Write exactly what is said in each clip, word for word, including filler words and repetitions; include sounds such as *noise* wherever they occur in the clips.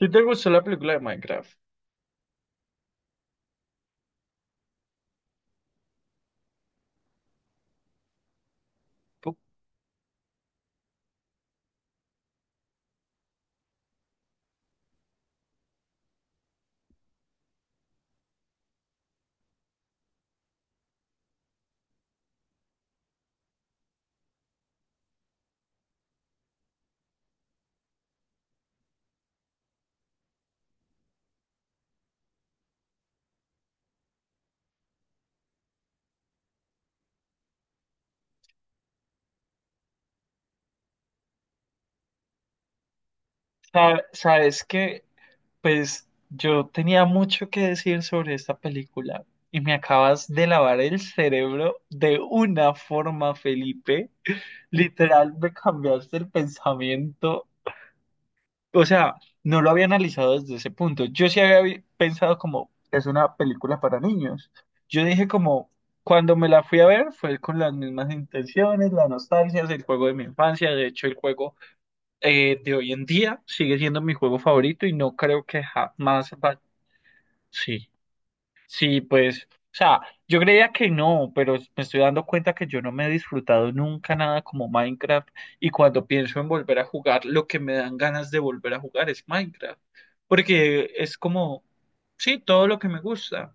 ¿Sí te gustó la película de Minecraft? Pu- Sa- Sabes que, pues, yo tenía mucho que decir sobre esta película y me acabas de lavar el cerebro de una forma, Felipe. Literal, me cambiaste el pensamiento. O sea, no lo había analizado desde ese punto. Yo sí había vi- pensado como, es una película para niños. Yo dije como, cuando me la fui a ver, fue con las mismas intenciones, la nostalgia, el juego de mi infancia. De hecho, el juego eh, de hoy en día sigue siendo mi juego favorito y no creo que jamás va... Sí, sí, pues, o sea, yo creía que no, pero me estoy dando cuenta que yo no me he disfrutado nunca nada como Minecraft, y cuando pienso en volver a jugar, lo que me dan ganas de volver a jugar es Minecraft, porque es como, sí, todo lo que me gusta.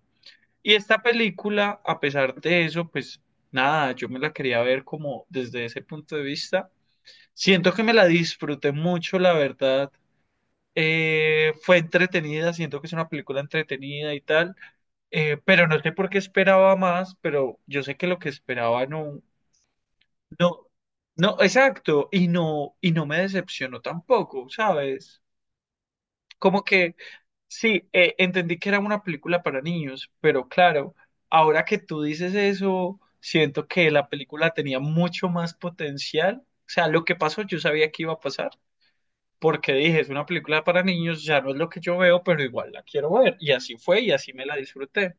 Y esta película, a pesar de eso, pues nada, yo me la quería ver como desde ese punto de vista. Siento que me la disfruté mucho, la verdad, eh, fue entretenida, siento que es una película entretenida y tal, eh, pero no sé por qué esperaba más, pero yo sé que lo que esperaba no, no, no, exacto, y no, y no me decepcionó tampoco, ¿sabes? Como que sí, eh, entendí que era una película para niños, pero claro, ahora que tú dices eso, siento que la película tenía mucho más potencial. O sea, lo que pasó yo sabía que iba a pasar porque dije, es una película para niños, ya no es lo que yo veo, pero igual la quiero ver. Y así fue y así me la disfruté.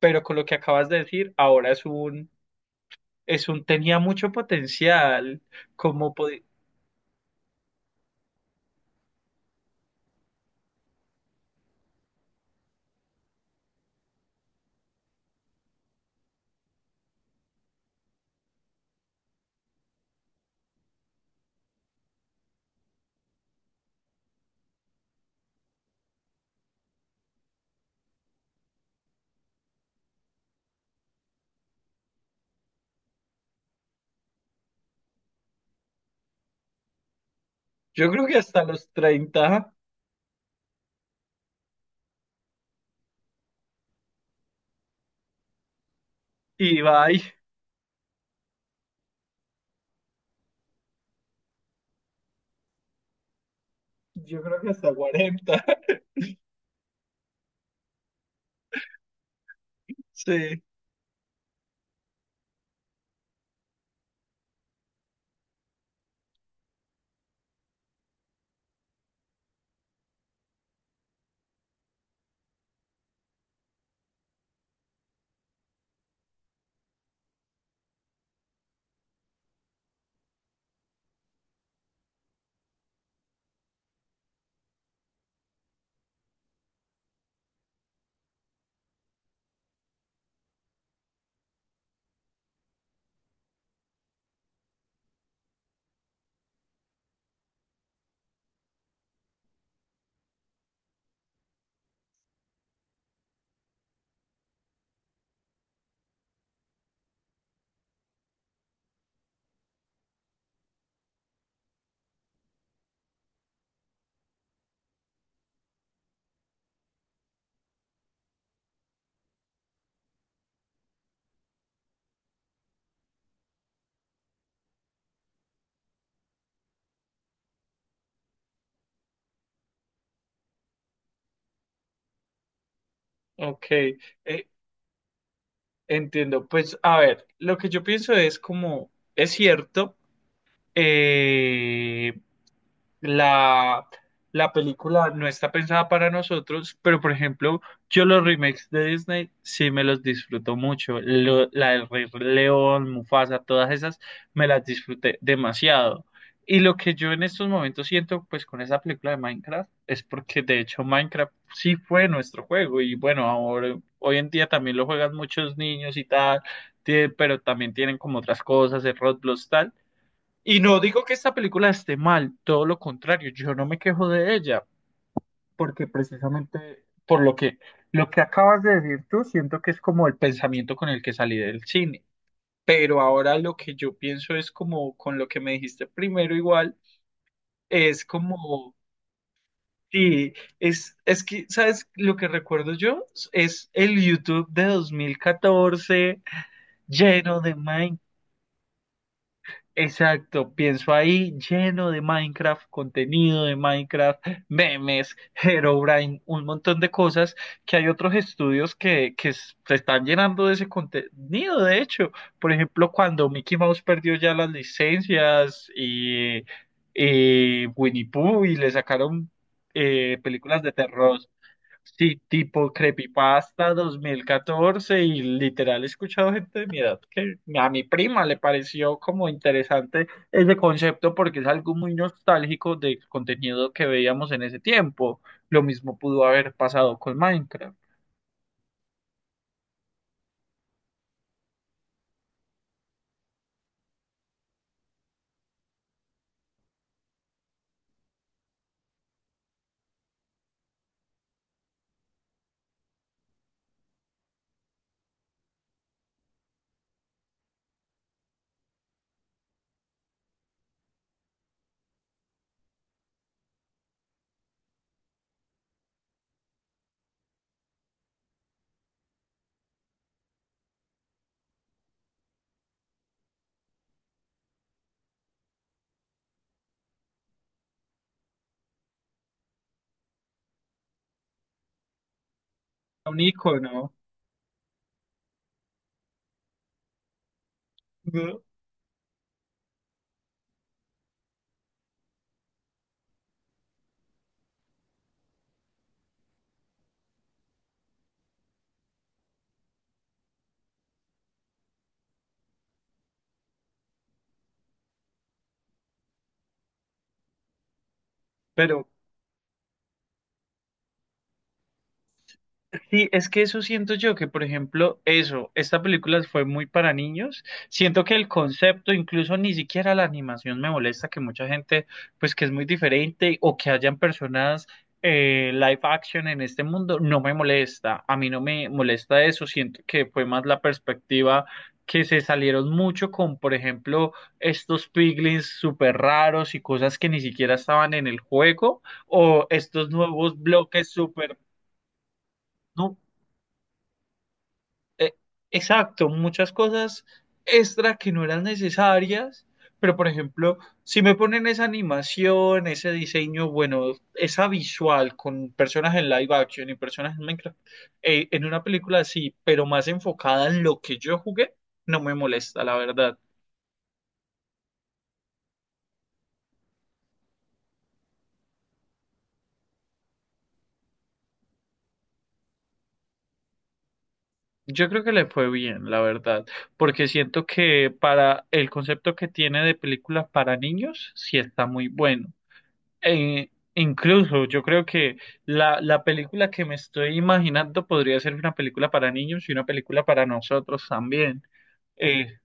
Pero con lo que acabas de decir, ahora es un, es un tenía mucho potencial, como podi- yo creo que hasta los treinta y bye, yo creo que hasta cuarenta *laughs* Sí, ok, eh, entiendo. Pues a ver, lo que yo pienso es como, es cierto, eh, la, la película no está pensada para nosotros, pero por ejemplo, yo los remakes de Disney sí me los disfruto mucho. Lo- la del Rey León, Mufasa, todas esas me las disfruté demasiado. Y lo que yo en estos momentos siento pues con esa película de Minecraft es porque de hecho Minecraft sí fue nuestro juego y bueno, ahora hoy en día también lo juegan muchos niños y tal, tie- pero también tienen como otras cosas, el Roblox tal. Y no digo que esta película esté mal, todo lo contrario, yo no me quejo de ella, porque precisamente por lo que, lo que acabas de decir tú, siento que es como el pensamiento con el que salí del cine. Pero ahora lo que yo pienso es como con lo que me dijiste primero igual, es como, sí, es, es que, ¿sabes? Lo que recuerdo yo es el YouTube de dos mil catorce lleno de exacto, pienso ahí lleno de Minecraft, contenido de Minecraft, memes, Herobrine, un montón de cosas que hay otros estudios que, que s- se están llenando de ese contenido, de hecho. Por ejemplo, cuando Mickey Mouse perdió ya las licencias y, y Winnie Pooh y le sacaron eh, películas de terror. Sí, tipo Creepypasta dos mil catorce, y literal he escuchado gente de mi edad que a mi prima le pareció como interesante ese concepto porque es algo muy nostálgico del contenido que veíamos en ese tiempo. Lo mismo pudo haber pasado con Minecraft. Un icono, ¿no? Pero sí, es que eso siento yo, que por ejemplo, eso, esta película fue muy para niños. Siento que el concepto, incluso ni siquiera la animación me molesta, que mucha gente, pues que es muy diferente o que hayan personas eh, live action en este mundo, no me molesta. A mí no me molesta eso, siento que fue más la perspectiva, que se salieron mucho con, por ejemplo, estos piglins súper raros y cosas que ni siquiera estaban en el juego o estos nuevos bloques súper... Eh, exacto, muchas cosas extra que no eran necesarias, pero por ejemplo, si me ponen esa animación, ese diseño, bueno, esa visual con personas en live action y personas en Minecraft, eh, en una película así, pero más enfocada en lo que yo jugué, no me molesta, la verdad. Yo creo que le fue bien, la verdad, porque siento que para el concepto que tiene de película para niños, sí está muy bueno. E incluso yo creo que la, la película que me estoy imaginando podría ser una película para niños y una película para nosotros también. Eh,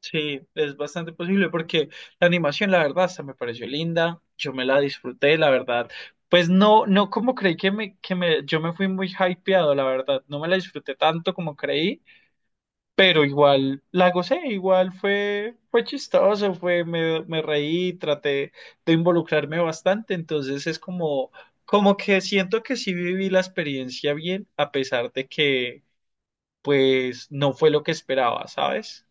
sí, es bastante posible porque la animación, la verdad, hasta me pareció linda, yo me la disfruté, la verdad. Pues no, no como creí que me, que me, yo me fui muy hypeado, la verdad, no me la disfruté tanto como creí. Pero igual la gocé, igual fue, fue chistoso, fue, me, me reí, traté de involucrarme bastante, entonces es como, como que siento que sí viví la experiencia bien, a pesar de que pues no fue lo que esperaba, ¿sabes?